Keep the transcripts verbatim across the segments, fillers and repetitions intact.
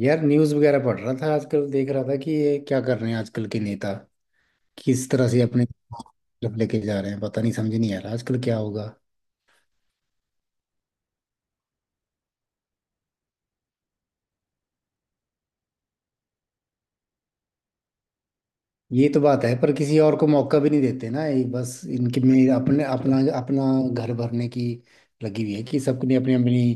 यार न्यूज वगैरह पढ़ रहा था। आजकल देख रहा था कि ये क्या कर रहे हैं आजकल के नेता, किस तरह से अपने तरफ लेके जा रहे हैं। पता नहीं, समझ नहीं आ रहा आजकल क्या होगा। ये तो बात है, पर किसी और को मौका भी नहीं देते ना। ये बस इनके में अपने अपना अपना घर भरने की लगी हुई है कि सबने अपनी अपनी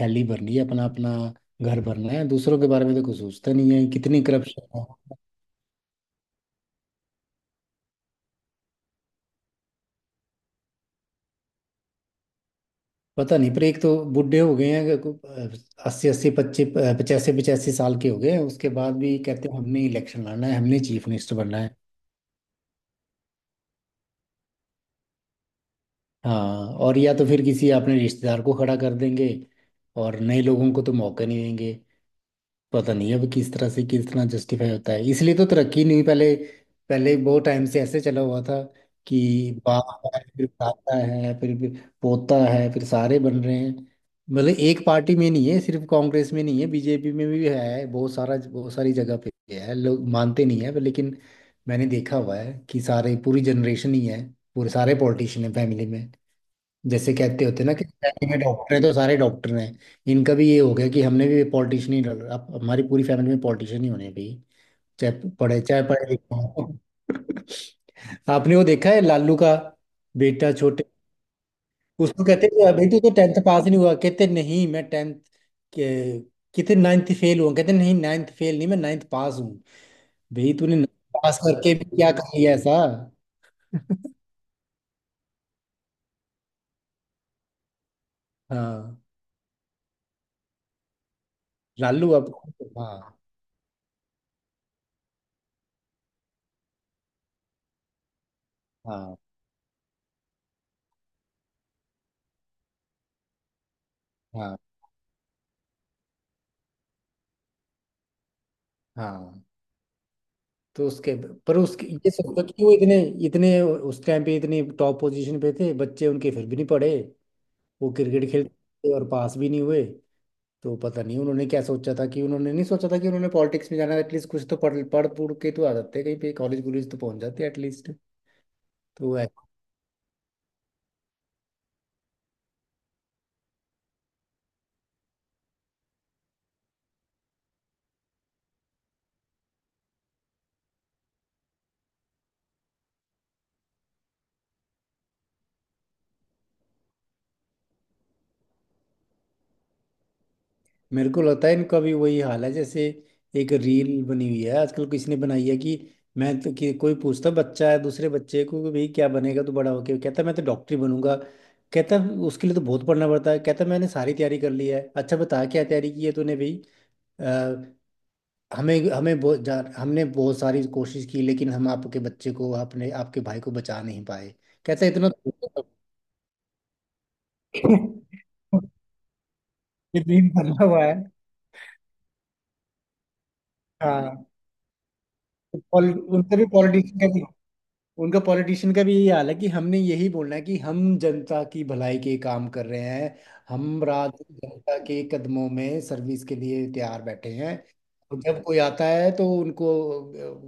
थैली भरनी है, अपना अपना घर भरना है। दूसरों के बारे में तो कुछ सोचता नहीं है, कितनी करप्शन है। पता नहीं, पर एक तो बूढ़े हो गए हैं, अस्सी अस्सी पच्चीस पचासी पचासी साल के हो गए हैं। उसके बाद भी कहते हैं हमने इलेक्शन लड़ना है, हमने चीफ मिनिस्टर बनना है। हाँ, और या तो फिर किसी अपने रिश्तेदार को खड़ा कर देंगे, और नए लोगों को तो मौका नहीं देंगे। पता नहीं अब किस तरह से, किस तरह जस्टिफाई होता है, इसलिए तो तरक्की नहीं। पहले पहले बहुत टाइम से ऐसे चला हुआ था कि बाप है, फिर दादा है, फिर फिर पोता है, फिर सारे बन रहे हैं। मतलब एक पार्टी में नहीं है, सिर्फ कांग्रेस में नहीं है, बीजेपी में भी है, बहुत सारा बहुत सारी जगह पे है। लोग मानते नहीं है पर, लेकिन मैंने देखा हुआ है कि सारे पूरी जनरेशन ही है, पूरे सारे पॉलिटिशियन है फैमिली में। जैसे कहते होते हैं ना कि फैमिली में डॉक्टर हैं तो सारे डॉक्टर हैं, इनका भी ये हो गया कि हमने भी पॉलिटिशियन ही डाल, अब हमारी पूरी फैमिली में पॉलिटिशियन ही होने हैं भाई, चाहे पढ़े चाहे पढ़े लिखे हों। आपने वो देखा है लालू का बेटा छोटे, उसको कहते हैं बेटी तो टेंथ पास ही नहीं हुआ, कहते नहीं मैं टेंथ के, कितने नाइन्थ फेल हुआ, कहते नहीं नाइन्थ फेल नहीं, मैं नाइन्थ पास हूँ। भाई तूने ninth पास करके भी क्या कर लिया ऐसा। हाँ लालू, अब हाँ। हाँ, हाँ, हाँ। तो उसके पर उसके, ये सोचो कि वो इतने इतने उस टाइम पे इतनी टॉप पोजीशन पे थे, बच्चे उनके फिर भी नहीं पढ़े, वो क्रिकेट खेलते थे और पास भी नहीं हुए। तो पता नहीं उन्होंने क्या सोचा था, कि उन्होंने नहीं सोचा था कि उन्होंने पॉलिटिक्स में जाना, एटलीस्ट कुछ तो पढ़ पढ़ पूढ़ के तो आ जाते, कहीं पे कॉलेज वॉलेज तो पहुंच जाते एटलीस्ट। तो मेरे को लगता है इनका भी वही हाल है। जैसे एक रील बनी हुई है आजकल, किसी ने बनाई है कि मैं तो कि कोई पूछता बच्चा है दूसरे बच्चे को कि भाई क्या बनेगा तू बड़ा होके, कहता मैं तो डॉक्टर ही बनूंगा। कहता उसके लिए तो बहुत पढ़ना पड़ता है, कहता मैंने सारी तैयारी कर ली है। अच्छा बता क्या तैयारी की है तूने भाई। अ, हमें हमें बहुत जा- हमने बहुत सारी कोशिश की लेकिन हम आपके बच्चे को, आपने आपके भाई को बचा नहीं पाए, कहता इतना तो- ये दिन बदला हुआ है। हाँ तो पॉल- उनसे भी पॉलिटिक्स, उनका पॉलिटिशियन का भी यही हाल है कि हमने यही बोलना है कि हम जनता की भलाई के काम कर रहे हैं, हम रात दिन जनता के कदमों में सर्विस के लिए तैयार बैठे हैं। और जब कोई आता है तो उनको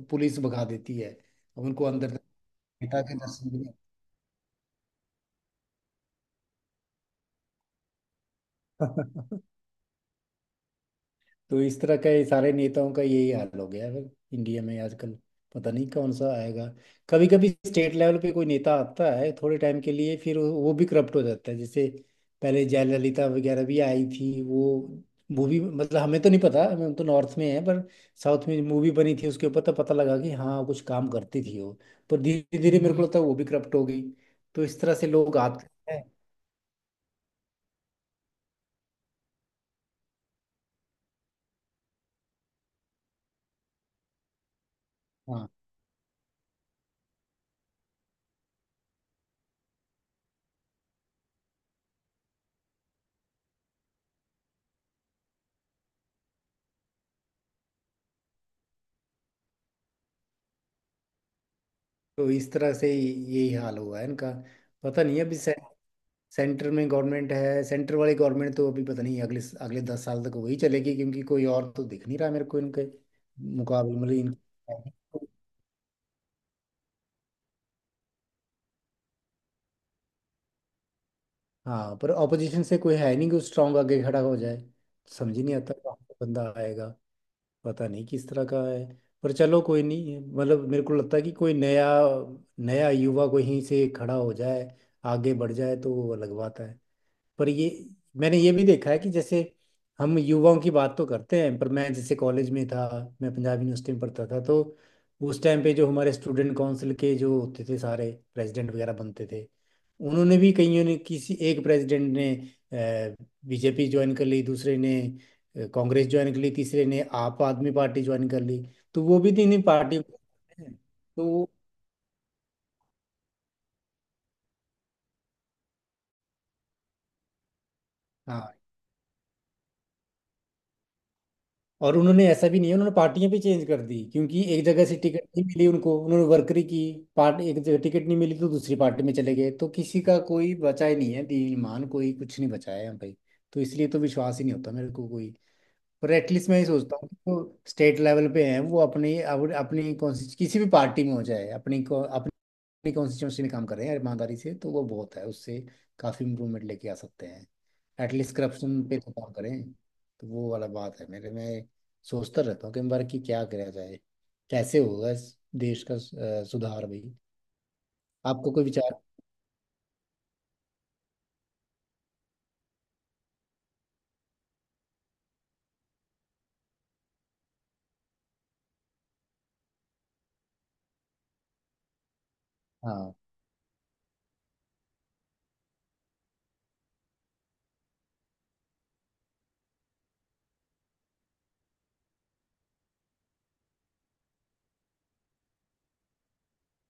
अ, पुलिस भगा देती है, उनको अंदर तक नेता के दर्शन भी नहीं। तो इस तरह के सारे नेताओं का यही हाल हो गया है फिर इंडिया में आजकल, पता नहीं कौन सा आएगा। कभी कभी स्टेट लेवल पे कोई नेता आता है थोड़े टाइम के लिए, फिर वो वो भी करप्ट हो जाता है। जैसे पहले जयललिता वगैरह भी आई थी वो, मूवी, मतलब हमें तो नहीं पता, हम तो नॉर्थ में है, पर साउथ में मूवी बनी थी उसके ऊपर तो पता लगा कि हाँ कुछ काम करती थी वो, पर धीरे धीरे मेरे को लगता है वो भी करप्ट हो गई। तो इस तरह से लोग आते हैं। हाँ, तो इस तरह से यही हाल हुआ है इनका। पता नहीं, अभी से सेंटर में गवर्नमेंट है, सेंटर वाली गवर्नमेंट तो अभी पता नहीं, अगले अगले दस साल तक वही चलेगी क्योंकि कोई और तो दिख नहीं रहा मेरे को इनके मुकाबले, मतलब इन। हाँ पर ऑपोजिशन से कोई है नहीं कि स्ट्रांग आगे खड़ा हो जाए। समझ ही नहीं आता कहाँ से बंदा आएगा, पता नहीं किस तरह का है। पर चलो कोई नहीं, मतलब मेरे को लगता है कि कोई नया नया युवा कहीं से खड़ा हो जाए, आगे बढ़ जाए तो वो अलग बात है। पर ये, मैंने ये भी देखा है कि जैसे हम युवाओं की बात तो करते हैं पर मैं जैसे कॉलेज में था, मैं पंजाब यूनिवर्सिटी में पढ़ता था, तो उस टाइम पे जो हमारे स्टूडेंट काउंसिल के जो होते थे सारे प्रेसिडेंट वगैरह बनते थे, उन्होंने भी कईयों ने, किसी एक प्रेसिडेंट ने बीजेपी ज्वाइन कर ली, दूसरे ने अ, कांग्रेस ज्वाइन कर ली, तीसरे ने आप आदमी पार्टी ज्वाइन कर ली। तो वो भी तीन ही पार्टी, तो हाँ। और उन्होंने ऐसा भी नहीं है, उन्होंने पार्टियां भी चेंज कर दी क्योंकि एक जगह से टिकट नहीं मिली उनको, उन्होंने वर्करी की पार्ट, एक जगह टिकट नहीं मिली तो दूसरी पार्टी में चले गए। तो किसी का कोई बचा ही नहीं है, दीन ईमान कोई कुछ नहीं बचाया है भाई। तो इसलिए तो विश्वास ही नहीं होता मेरे को कोई। पर एटलीस्ट मैं ये सोचता हूँ कि जो स्टेट लेवल पे हैं वो अपने, अपनी कौन सी किसी भी पार्टी में हो जाए, अपनी को- अपनी कॉन्स्टिट्यूंसी में काम कर रहे हैं ईमानदारी से तो वो बहुत है, उससे काफ़ी इम्प्रूवमेंट लेके आ सकते हैं। एटलीस्ट करप्शन पे तो काम करें तो वो वाला बात है। मेरे, मैं सोचता रहता हूँ कि बार कि क्या करा जाए, कैसे होगा इस देश का अ, सुधार भाई। आपको कोई विचार। हाँ,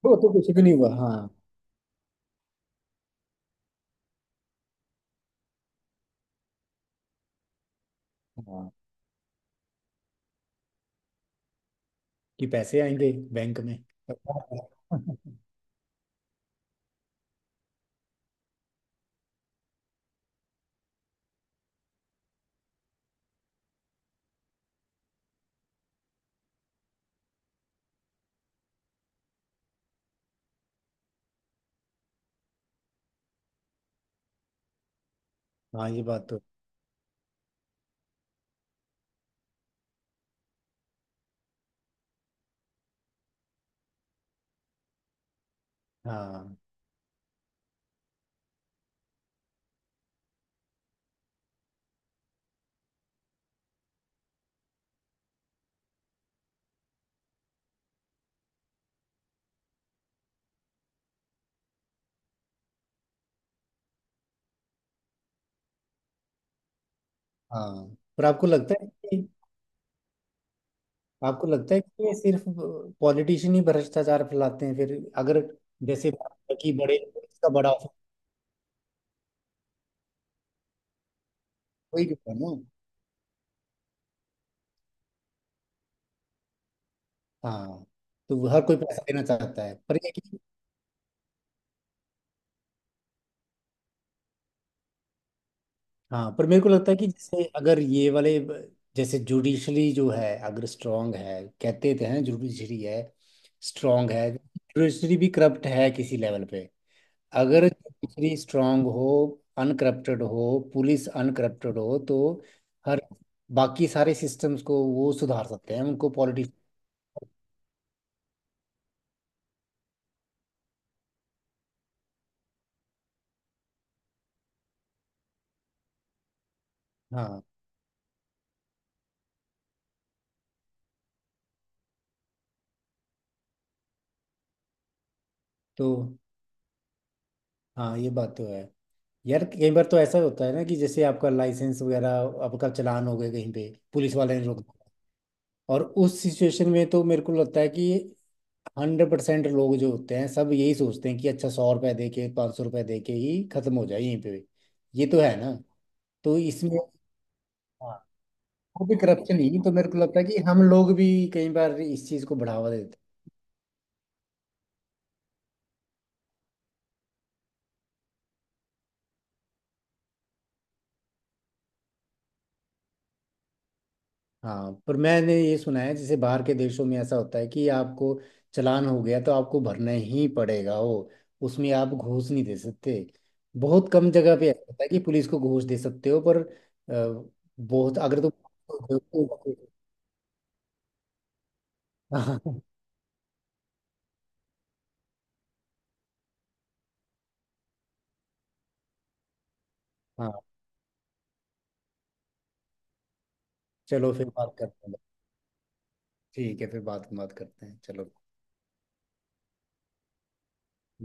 वो तो कुछ भी नहीं हुआ। हाँ, हाँ, कि पैसे आएंगे बैंक में। हाँ ये बात तो। हाँ, हाँ, पर आपको लगता है कि, आपको लगता है कि ये सिर्फ पॉलिटिशियन ही भ्रष्टाचार फैलाते हैं फिर, अगर जैसे कि बड़े, इसका बड़ा ऑफिस कोई भी हो ना। हाँ, तो हर कोई पैसा देना चाहता है, पर ये कि, हाँ पर मेरे को लगता है कि जैसे अगर ये वाले ब- जैसे जुडिशरी जो है अगर स्ट्रांग है, कहते तो हैं जुडिशरी है स्ट्रांग है, जुडिशरी भी करप्ट है किसी लेवल पे। अगर दूसरी स्ट्रांग हो, अनकरप्टेड हो, पुलिस अनकरप्टेड हो तो हर, बाकी सारे सिस्टम्स को वो सुधार सकते हैं, उनको पॉलिटिक्स। हाँ तो, हाँ ये बात तो है। यार कई बार तो ऐसा होता है ना कि जैसे आपका लाइसेंस वगैरह, आपका चालान हो गया कहीं पे, पुलिस वाले ने रोक दिया, और उस सिचुएशन में तो मेरे को लगता है कि हंड्रेड परसेंट लोग जो होते हैं सब यही सोचते हैं कि अच्छा सौ रुपये दे के, पाँच सौ रुपये दे के ही खत्म हो जाए यहीं पे, ये तो है ना। तो इसमें, हाँ, वो भी करप्शन ही, तो मेरे को लगता है कि हम लोग भी कई बार इस चीज को बढ़ावा देते हैं। हाँ पर मैंने ये सुना है जैसे बाहर के देशों में ऐसा होता है कि आपको चालान हो गया तो आपको भरना ही पड़ेगा वो, उसमें आप घूस नहीं दे सकते। बहुत कम जगह पे ऐसा होता है कि पुलिस को घूस दे सकते हो, पर अ, बहुत, अगर तुम हाँ, हाँ, चलो फिर बात करते हैं। ठीक है, फिर बात बात करते हैं चलो।